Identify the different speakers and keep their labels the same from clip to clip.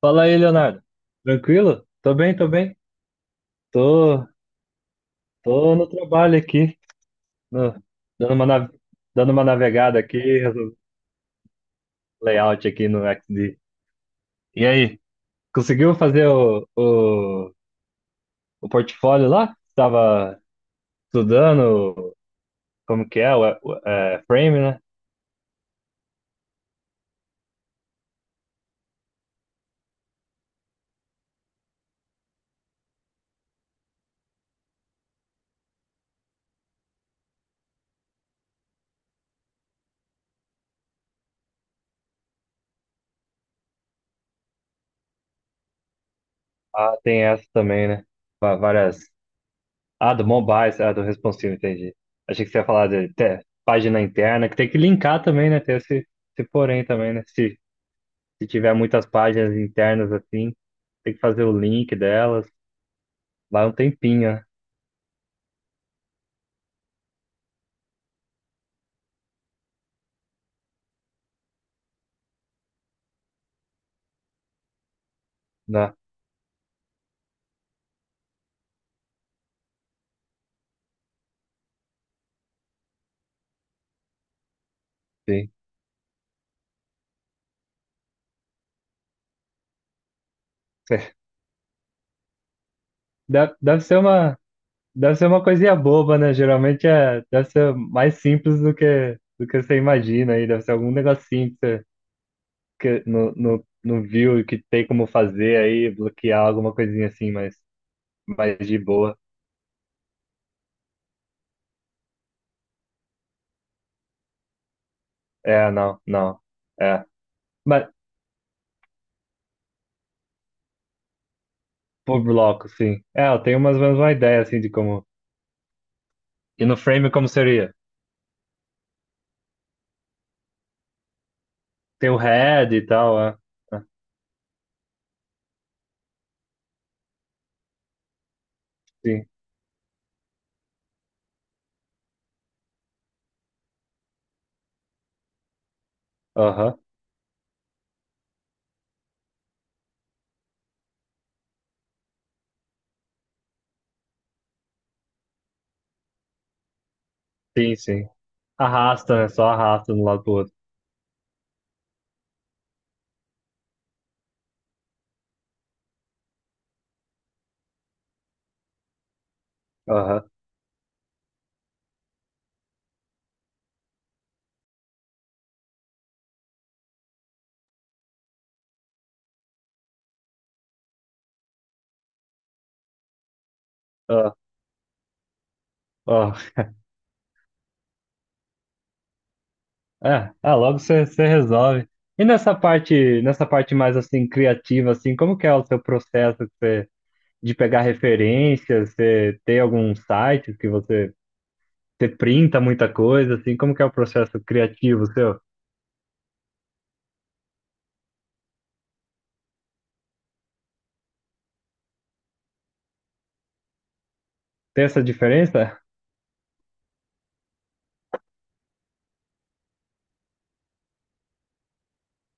Speaker 1: Fala aí, Leonardo. Tranquilo? Tô bem. Tô, tô no trabalho aqui, no- dando dando uma navegada aqui, layout aqui no XD. E aí, conseguiu fazer o portfólio lá? Tava estudando como que é o frame, né? Ah, tem essa também, né? Várias. Ah, do mobile, ah, do responsive, entendi. Achei que você ia falar de até página interna, que tem que linkar também, né? Tem esse, esse porém também, né? Se tiver muitas páginas internas assim, tem que fazer o link delas. Lá um tempinho, né? Dá, sim. Deve ser uma, deve ser uma coisinha boba, né? Geralmente é, deve ser mais simples do que você imagina aí. Deve ser algum negocinho que você que no viu e que tem como fazer aí, bloquear alguma coisinha assim, mas mais de boa. É, não, não. É. Mas por bloco, sim. É, eu tenho mais ou menos uma ideia assim de como. E no frame como seria? Tem o head e tal, é. É, sim. Aham. Sim, sim. Arrasta, né? Só arrasta de um lado pro outro. Aham. ah, ah. É, é, logo você resolve. E nessa parte mais assim criativa assim, como que é o seu processo de pegar referências, você tem algum site que você printa muita coisa assim, como que é o processo criativo seu? Tem essa diferença?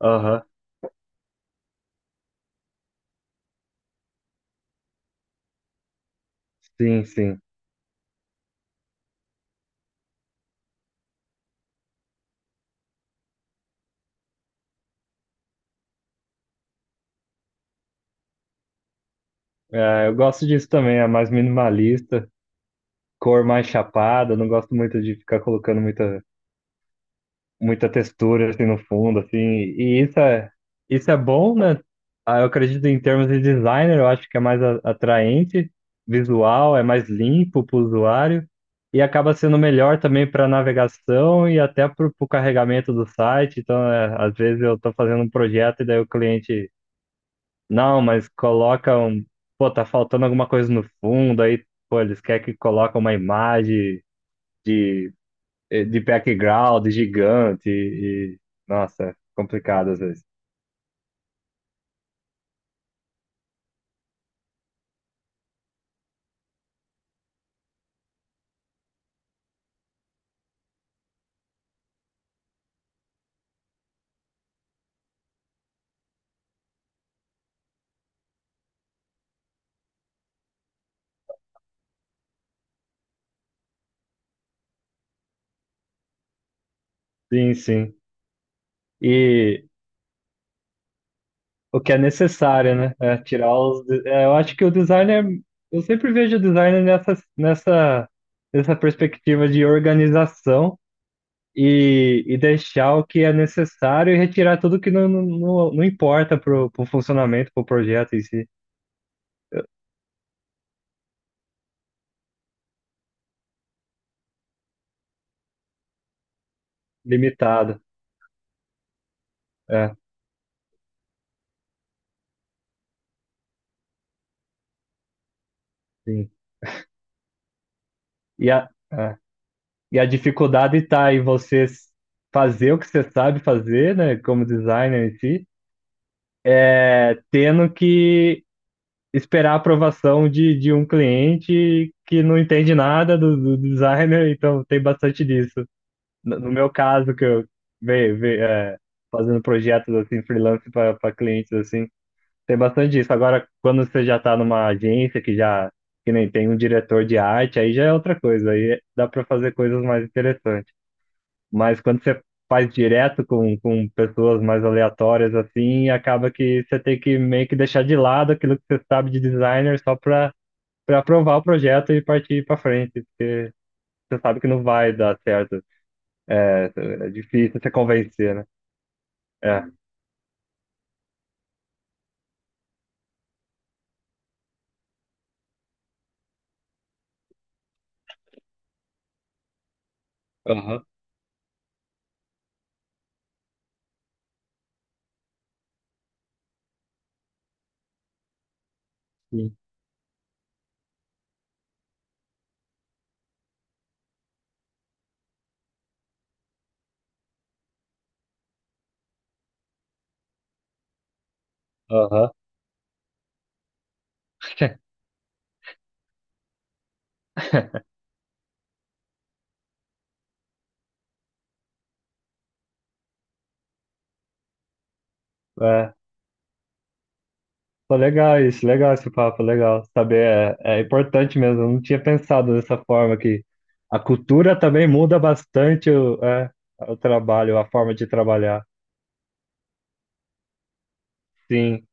Speaker 1: Aham. Sim, sim. É, eu gosto disso também, é mais minimalista. Cor mais chapada, eu não gosto muito de ficar colocando muita textura assim no fundo, assim. E isso é bom, né? Ah, eu acredito em termos de designer, eu acho que é mais atraente, visual, é mais limpo para o usuário e acaba sendo melhor também para navegação e até para o carregamento do site. Então, é, às vezes eu estou fazendo um projeto e daí o cliente, não, mas coloca um, pô, tá faltando alguma coisa no fundo, aí, pô, eles querem que coloque uma imagem de de background gigante e nossa, é complicado às vezes. Sim, sim. E o que é necessário, né? É tirar os. Eu acho que o designer. Eu sempre vejo o designer nessa perspectiva de organização e deixar o que é necessário e retirar tudo que não importa pro, pro funcionamento, pro projeto em si. Limitado. É, sim. E a, é. E a dificuldade está em você fazer o que você sabe fazer, né, como designer em si, é, tendo que esperar a aprovação de um cliente que não entende nada do, do designer, então tem bastante disso. No, no meu caso, que eu ve, ve- é, fazendo projetos assim, freelance para clientes assim, tem bastante disso. Agora, quando você já está numa agência que já que nem tem um diretor de arte, aí já é outra coisa, aí dá para fazer coisas mais interessantes. Mas quando você faz direto com pessoas mais aleatórias assim, acaba que você tem que meio que deixar de lado aquilo que você sabe de designer só para para aprovar o projeto e partir para frente. Você sabe que não vai dar certo. É difícil você convencer, né? É. Aham. Sim. Aham. É, pô, legal isso, legal esse papo, legal. Saber é, é importante mesmo. Eu não tinha pensado dessa forma que a cultura também muda bastante o, é, o trabalho, a forma de trabalhar. Sim.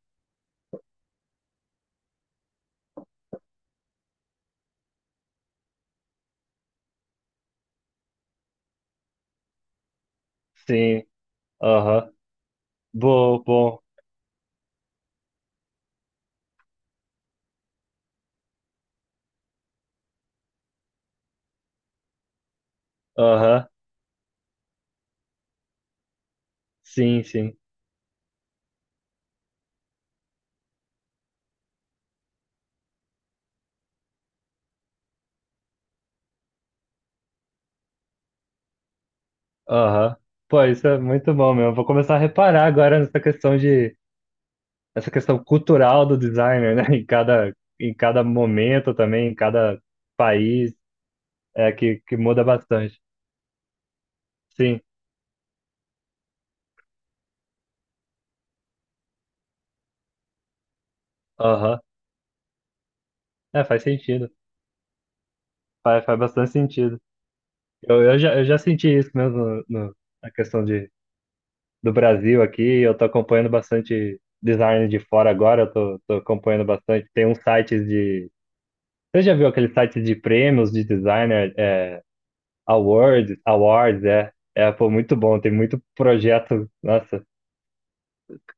Speaker 1: Sim, aham. Bom, bom, aham. Sim, sim, aham. Pô, isso é muito bom mesmo. Vou começar a reparar agora nessa questão de, essa questão cultural do designer, né? Em cada momento também, em cada país, é que muda bastante. Sim, aham. É, faz sentido. Faz, faz bastante sentido. Eu já senti isso mesmo no, na questão de do Brasil aqui, eu tô acompanhando bastante design de fora agora, eu tô, tô acompanhando bastante. Tem uns sites de. Você já viu aquele site de prêmios de designer, é, awards, awards, é, é, pô, muito bom, tem muito projeto, nossa,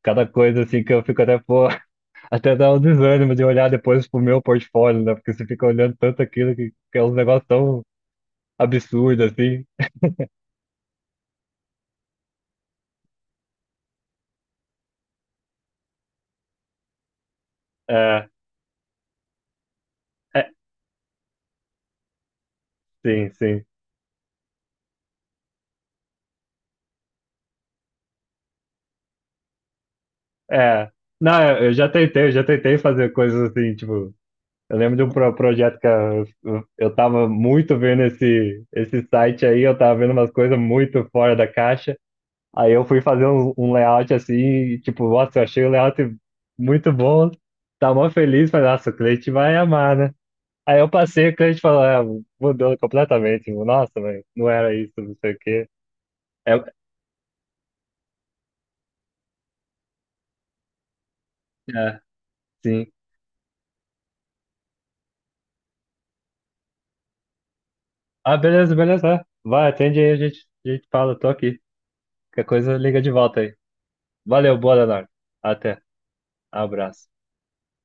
Speaker 1: cada coisa assim que eu fico até, pô, até dá um desânimo de olhar depois pro meu portfólio, né, porque você fica olhando tanto aquilo que é um negócio tão absurdo, assim, é, é, sim, sim, é, não, eu já tentei, eu já tentei fazer coisas assim, tipo, eu lembro de um projeto que eu, eu tava muito vendo esse, esse site aí, eu tava vendo umas coisas muito fora da caixa. Aí eu fui fazer um, um layout assim, e, tipo, nossa, eu achei o layout muito bom, tava mó feliz, falei, nossa, o cliente vai amar, né? Aí eu passei, o cliente falou, é, mudou completamente, nossa, mas não era isso, não sei o quê. É, é, sim. Ah, beleza, beleza, é. Vai, atende aí, a gente fala, tô aqui. Qualquer coisa, liga de volta aí. Valeu, boa, Leonardo. Até, abraço.